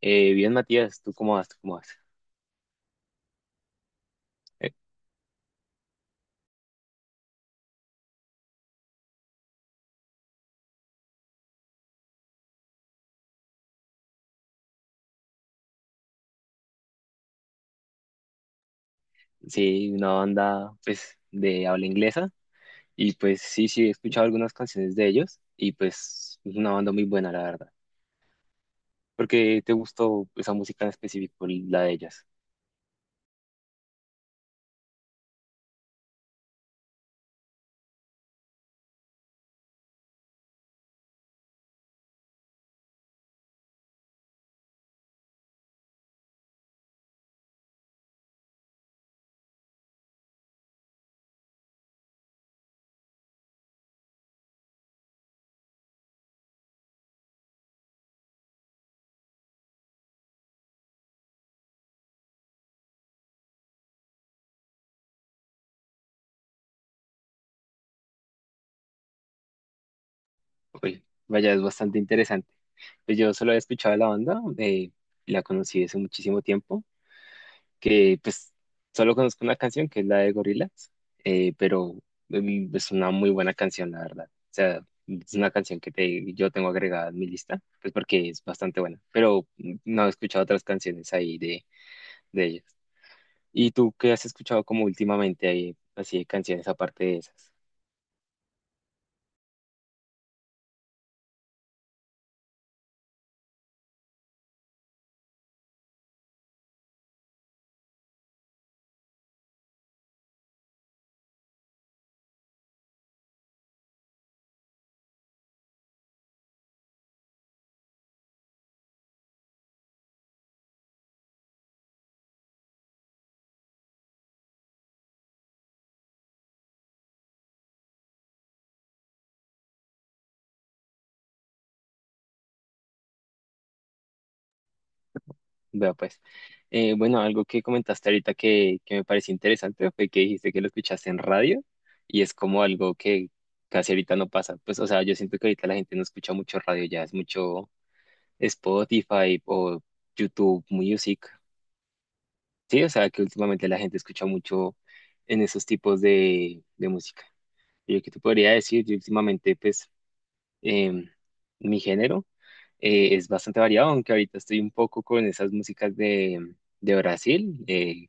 Bien, Matías, ¿tú cómo vas? ¿Tú cómo vas? Eh, sí, una banda pues de habla inglesa y pues sí, sí, he escuchado algunas canciones de ellos y pues es una banda muy buena, la verdad. ¿Por qué te gustó esa música en específico, la de ellas? Oye, vaya, es bastante interesante. Pues yo solo he escuchado de la banda, la conocí hace muchísimo tiempo que pues solo conozco una canción que es la de Gorillaz, pero es una muy buena canción, la verdad. O sea, es una canción que te, yo tengo agregada en mi lista, pues porque es bastante buena, pero no he escuchado otras canciones ahí de ellas. ¿Y tú qué has escuchado como últimamente ahí, así de canciones aparte de esas? Vea pues. Bueno, algo que comentaste ahorita que me pareció interesante fue que dijiste que lo escuchaste en radio y es como algo que casi ahorita no pasa. Pues, o sea, yo siento que ahorita la gente no escucha mucho radio ya, es mucho Spotify o YouTube Music. Sí, o sea, que últimamente la gente escucha mucho en esos tipos de música. Y lo que te podría decir, yo últimamente, pues, em, mi género es bastante variado, aunque ahorita estoy un poco con esas músicas de Brasil.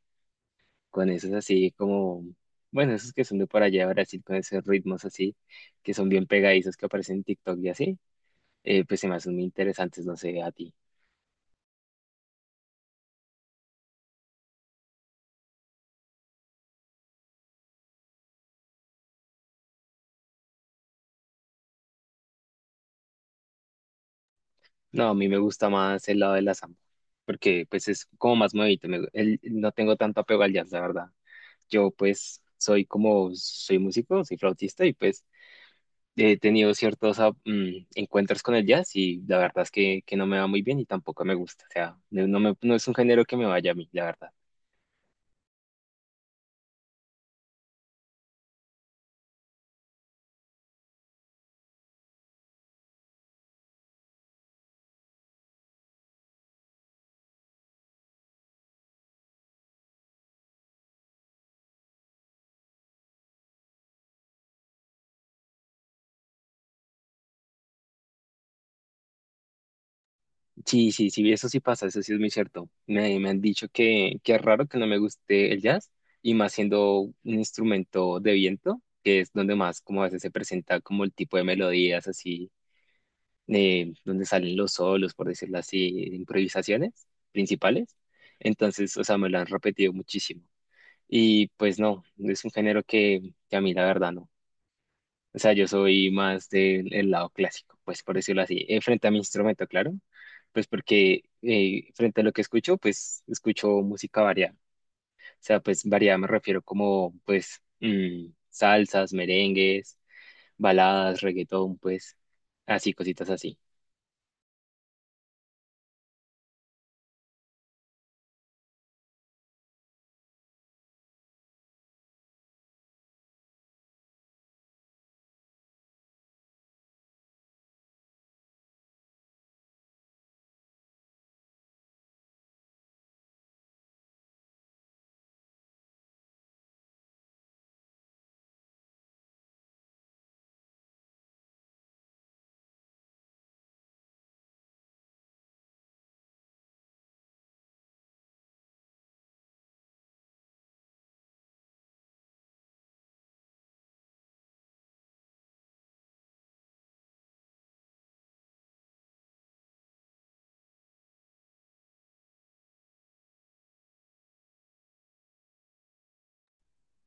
Con esos así como, bueno, esos que son de por allá de Brasil, con esos ritmos así, que son bien pegadizos que aparecen en TikTok y así, pues se me hacen muy interesantes, no sé, a ti. No, a mí me gusta más el lado de la samba, porque pues es como más movido, no tengo tanto apego al jazz, la verdad. Yo pues soy como, soy músico, soy flautista y pues he tenido ciertos encuentros con el jazz y la verdad es que no me va muy bien y tampoco me gusta, o sea, no, no es un género que me vaya a mí, la verdad. Sí, sí, sí, eso sí pasa, eso sí es muy cierto. Me han dicho que es raro que no me guste el jazz, y más siendo un instrumento de viento, que es donde más como a veces se presenta como el tipo de melodías así, donde salen los solos, por decirlo así, improvisaciones principales. Entonces, o sea, me lo han repetido muchísimo. Y pues no, es un género que a mí la verdad no. O sea, yo soy más del el lado clásico, pues por decirlo así, frente a mi instrumento, claro, pues porque frente a lo que escucho, pues escucho música variada. O sea, pues variada me refiero como, pues, salsas, merengues, baladas, reggaetón, pues, así, cositas así.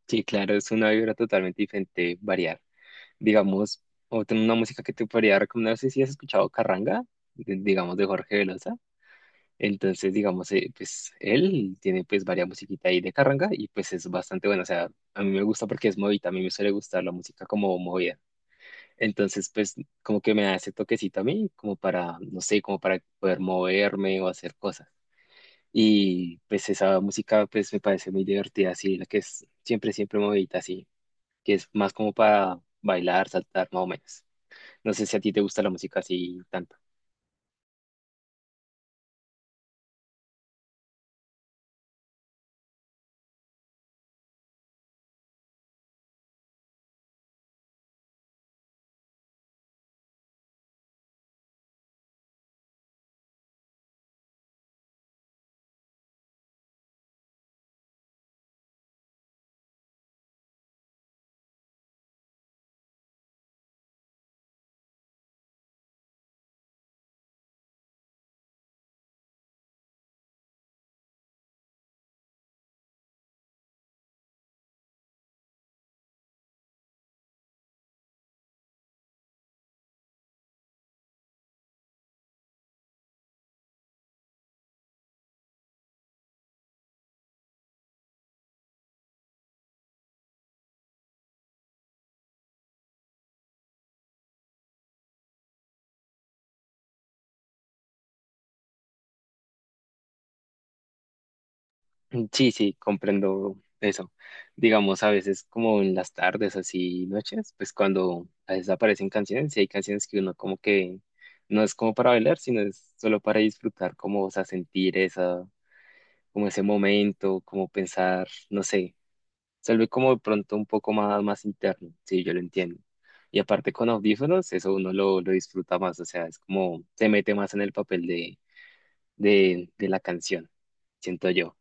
Sí, claro, es una vibra totalmente diferente variar. Digamos, otra una música que te podría recomendar, no sé si has escuchado Carranga, digamos, de Jorge Velosa. Entonces, digamos, pues él tiene pues varias musiquita ahí de carranga y pues es bastante bueno. O sea, a mí me gusta porque es movida, a mí me suele gustar la música como movida. Entonces, pues como que me da ese toquecito a mí, como para, no sé, como para poder moverme o hacer cosas. Y pues esa música pues me parece muy divertida, así, la que es siempre, siempre movidita, así, que es más como para bailar, saltar, más o menos. No sé si a ti te gusta la música así tanto. Sí, sí, comprendo eso. Digamos, a veces como en las tardes, así noches, pues cuando a veces aparecen canciones, y hay canciones que uno como que no es como para bailar, sino es solo para disfrutar, como, o sea, sentir esa, como ese momento, como pensar, no sé, se vuelve como de pronto un poco más, más interno, sí, yo lo entiendo. Y aparte con audífonos, eso uno lo disfruta más, o sea, es como se mete más en el papel de la canción, siento yo.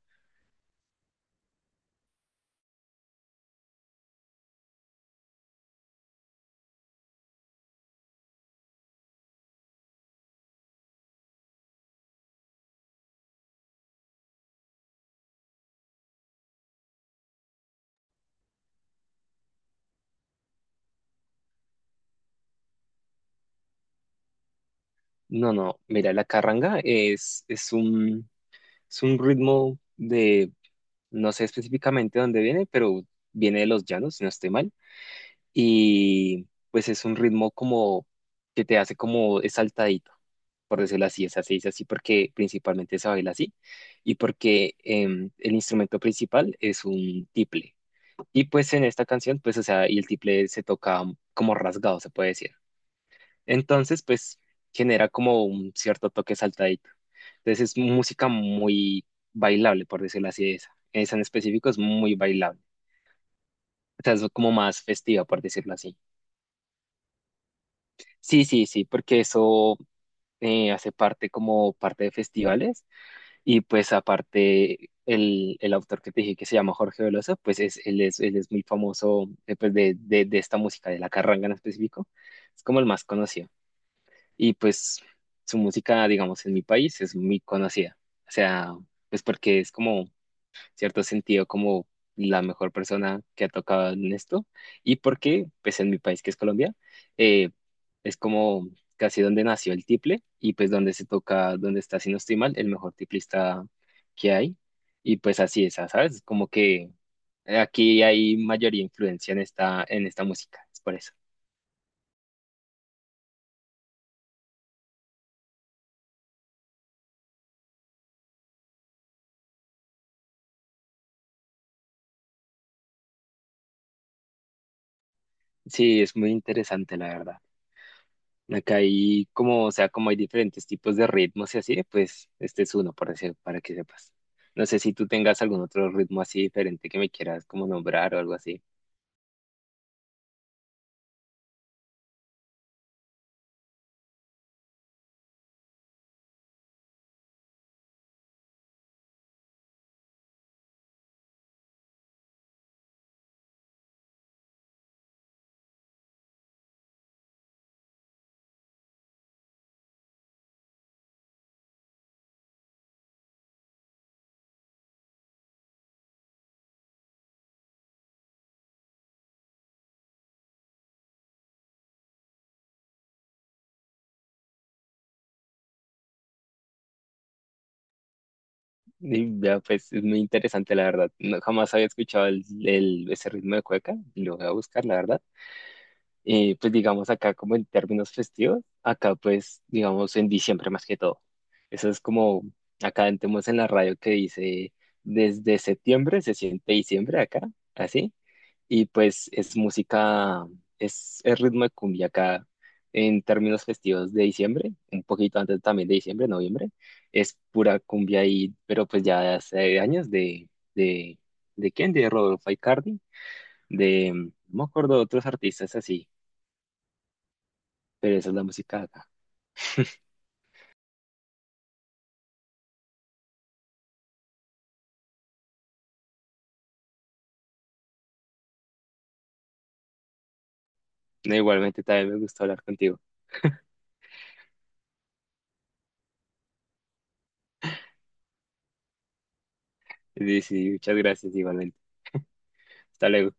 No, no, mira, la carranga es un ritmo de, no sé específicamente dónde viene, pero viene de los llanos, si no estoy mal, y pues es un ritmo como que te hace como saltadito, por decirlo así, o sea, se dice así porque principalmente se baila así, y porque el instrumento principal es un tiple, y pues en esta canción, pues, o sea, y el tiple se toca como rasgado, se puede decir. Entonces, pues genera como un cierto toque saltadito. Entonces es música muy bailable, por decirlo así, esa. Esa en específico es muy bailable. O sea, es como más festiva, por decirlo así. Sí, sí, sí, porque eso hace parte como parte de festivales y pues aparte el autor que te dije que se llama Jorge Velosa, pues es, él es muy famoso pues, de esta música, de la carranga en específico. Es como el más conocido. Y pues su música, digamos, en mi país es muy conocida. O sea, pues porque es como, cierto sentido, como la mejor persona que ha tocado en esto. Y porque, pues en mi país, que es Colombia, eh, es como casi donde nació el tiple y pues donde se toca, donde está, si no estoy mal, el mejor tiplista que hay. Y pues así es, ¿sabes? Como que aquí hay mayoría influencia en esta música, es por eso. Sí, es muy interesante, la verdad. Acá hay como, o sea, como hay diferentes tipos de ritmos y así, pues este es uno para, decir para que sepas. No sé si tú tengas algún otro ritmo así diferente que me quieras como nombrar o algo así. Y ya, pues es muy interesante, la verdad. No, jamás había escuchado ese ritmo de cueca, y lo voy a buscar, la verdad. Y pues digamos acá como en términos festivos, acá pues digamos en diciembre más que todo. Eso es como, acá tenemos en la radio que dice, desde septiembre se siente diciembre acá, así. Y pues es música, es el ritmo de cumbia acá en términos festivos de diciembre, un poquito antes también de diciembre, noviembre, es pura cumbia ahí, pero pues ya de hace años de, ¿de quién? De Rodolfo Aicardi, de, no me acuerdo de otros artistas así, pero esa es la música acá. No, igualmente también me gustó hablar contigo. Sí, sí, muchas gracias, igualmente. Hasta luego.